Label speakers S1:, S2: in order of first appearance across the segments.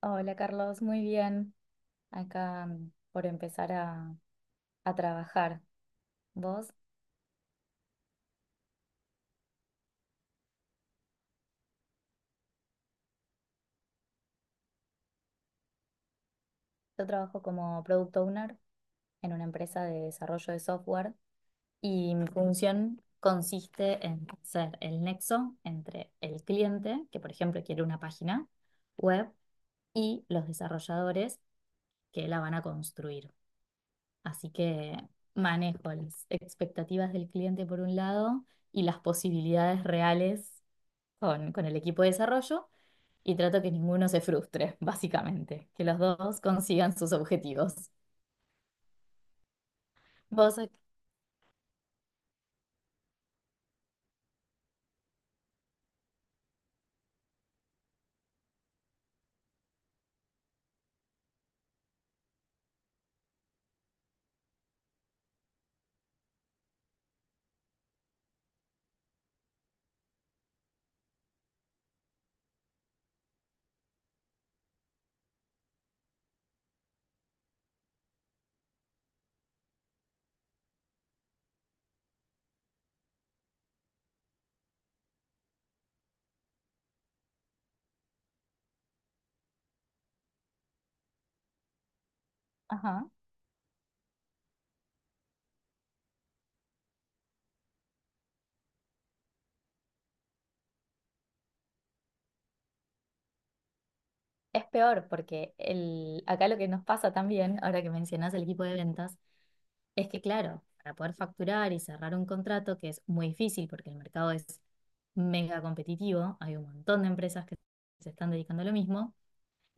S1: Hola Carlos, muy bien. Acá por empezar a trabajar. ¿Vos? Yo trabajo como product owner en una empresa de desarrollo de software, y mi función consiste en ser el nexo entre el cliente, que por ejemplo quiere una página web, y los desarrolladores que la van a construir. Así que manejo las expectativas del cliente por un lado y las posibilidades reales con el equipo de desarrollo. Y trato que ninguno se frustre, básicamente, que los dos consigan sus objetivos. Vos, ac- ajá, es peor porque acá lo que nos pasa también, ahora que mencionás el equipo de ventas, es que claro, para poder facturar y cerrar un contrato, que es muy difícil porque el mercado es mega competitivo, hay un montón de empresas que se están dedicando a lo mismo,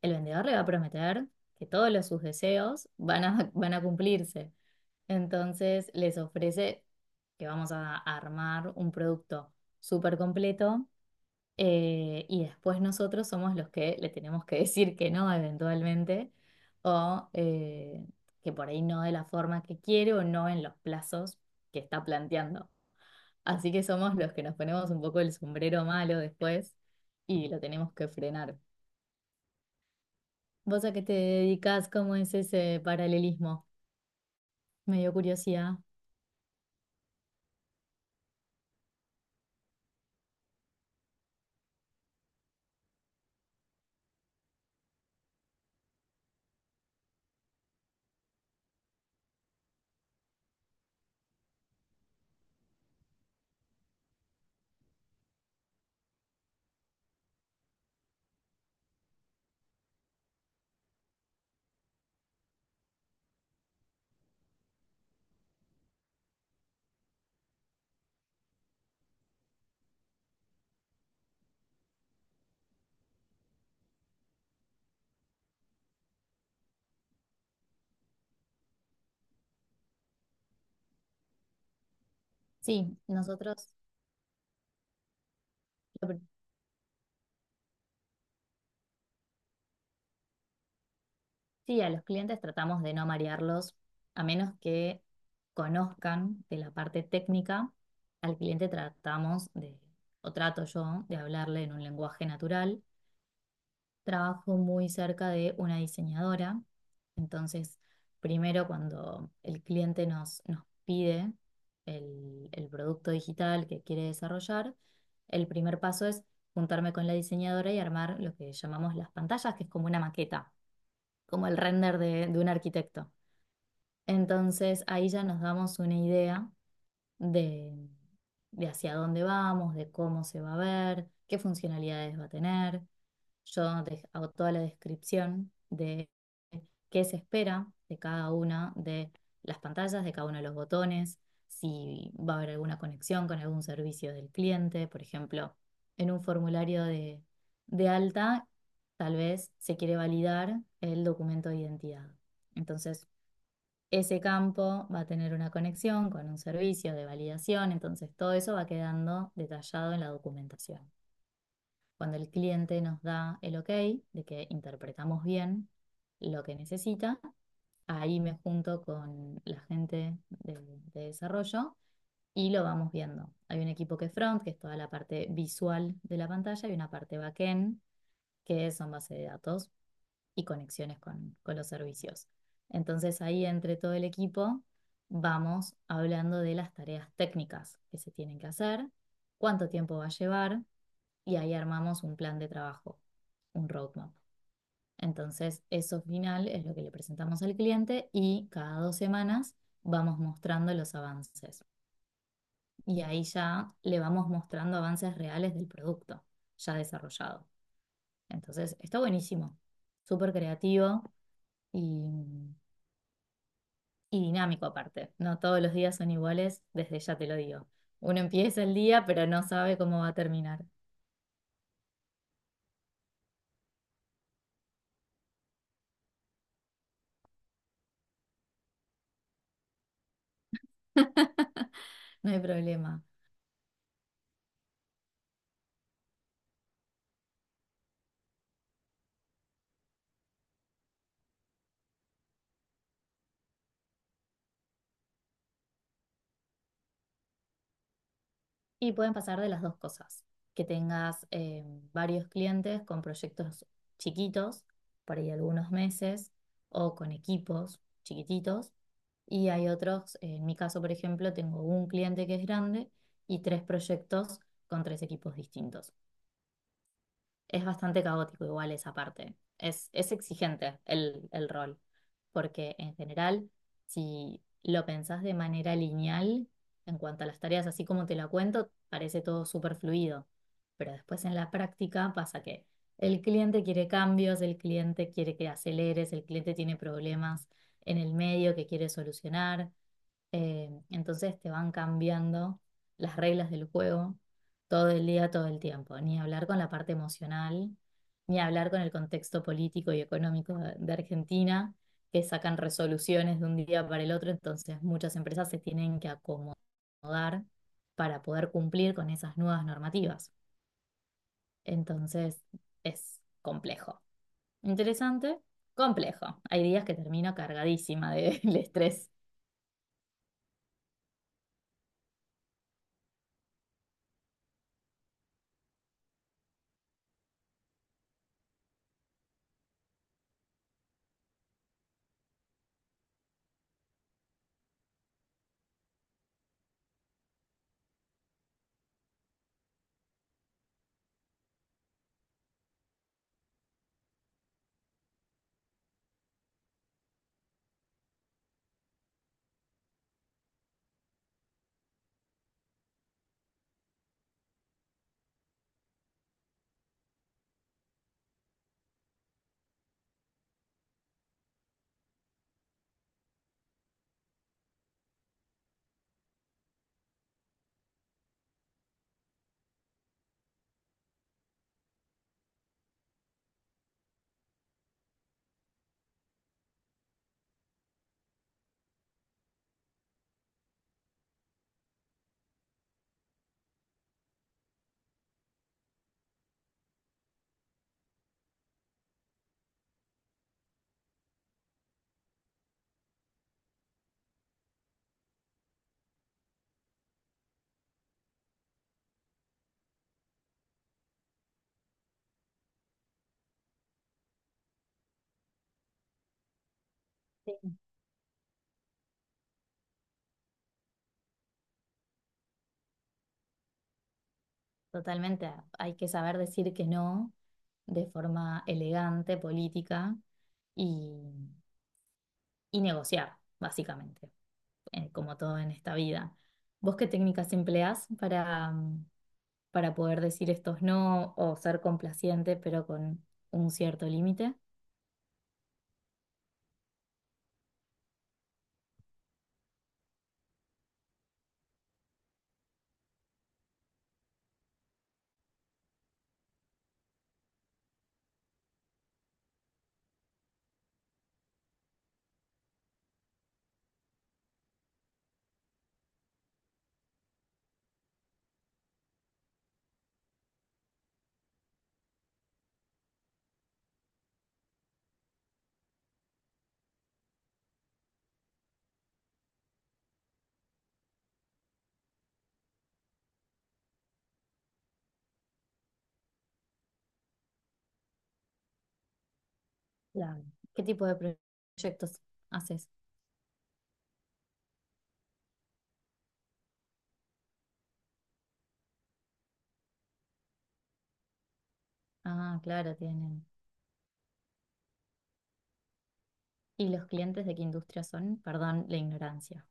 S1: el vendedor le va a prometer que todos sus deseos van a cumplirse. Entonces les ofrece que vamos a armar un producto súper completo, y después nosotros somos los que le tenemos que decir que no eventualmente, o que por ahí no de la forma que quiere o no en los plazos que está planteando. Así que somos los que nos ponemos un poco el sombrero malo después y lo tenemos que frenar. ¿Vos a qué te dedicas? ¿Cómo es ese paralelismo? Me dio curiosidad. Sí, nosotros. Sí, a los clientes tratamos de no marearlos, a menos que conozcan de la parte técnica. Al cliente tratamos de, o trato yo, de hablarle en un lenguaje natural. Trabajo muy cerca de una diseñadora, entonces primero cuando el cliente nos pide el producto digital que quiere desarrollar, el primer paso es juntarme con la diseñadora y armar lo que llamamos las pantallas, que es como una maqueta, como el render de un arquitecto. Entonces ahí ya nos damos una idea de, de hacia dónde vamos, de cómo se va a ver, qué funcionalidades va a tener. Yo hago toda la descripción de qué se espera de cada una de las pantallas, de cada uno de los botones, si va a haber alguna conexión con algún servicio del cliente. Por ejemplo, en un formulario de alta, tal vez se quiere validar el documento de identidad. Entonces, ese campo va a tener una conexión con un servicio de validación. Entonces, todo eso va quedando detallado en la documentación. Cuando el cliente nos da el ok de que interpretamos bien lo que necesita, ahí me junto con la gente de desarrollo y lo vamos viendo. Hay un equipo que es front, que es toda la parte visual de la pantalla, y una parte backend, que son base de datos y conexiones con los servicios. Entonces ahí entre todo el equipo vamos hablando de las tareas técnicas que se tienen que hacer, cuánto tiempo va a llevar, y ahí armamos un plan de trabajo, un roadmap. Entonces, eso final es lo que le presentamos al cliente, y cada 2 semanas vamos mostrando los avances. Y ahí ya le vamos mostrando avances reales del producto ya desarrollado. Entonces, está buenísimo, súper creativo y, y dinámico aparte. No todos los días son iguales, desde ya te lo digo. Uno empieza el día, pero no sabe cómo va a terminar. No hay problema. Y pueden pasar de las dos cosas, que tengas varios clientes con proyectos chiquitos, por ahí algunos meses, o con equipos chiquititos. Y hay otros, en mi caso, por ejemplo, tengo un cliente que es grande y tres proyectos con tres equipos distintos. Es bastante caótico igual esa parte. Es exigente el rol, porque en general, si lo pensás de manera lineal, en cuanto a las tareas, así como te la cuento, parece todo súper fluido, pero después en la práctica pasa que el cliente quiere cambios, el cliente quiere que aceleres, el cliente tiene problemas en el medio que quiere solucionar. Entonces te van cambiando las reglas del juego todo el día, todo el tiempo. Ni hablar con la parte emocional, ni hablar con el contexto político y económico de Argentina, que sacan resoluciones de un día para el otro. Entonces muchas empresas se tienen que acomodar para poder cumplir con esas nuevas normativas. Entonces es complejo. Interesante, complejo. Hay días que termino cargadísima del estrés. Sí. Totalmente, hay que saber decir que no de forma elegante, política y, y negociar, básicamente, como todo en esta vida. ¿Vos qué técnicas empleás para poder decir estos no, o ser complaciente pero con un cierto límite? Claro. ¿Qué tipo de proyectos haces? Ah, claro, tienen. ¿Y los clientes de qué industria son? Perdón la ignorancia.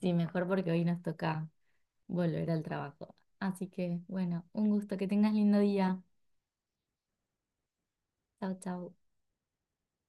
S1: Sí, mejor porque hoy nos toca volver al trabajo. Así que, bueno, un gusto, que tengas lindo día. Chao, chao.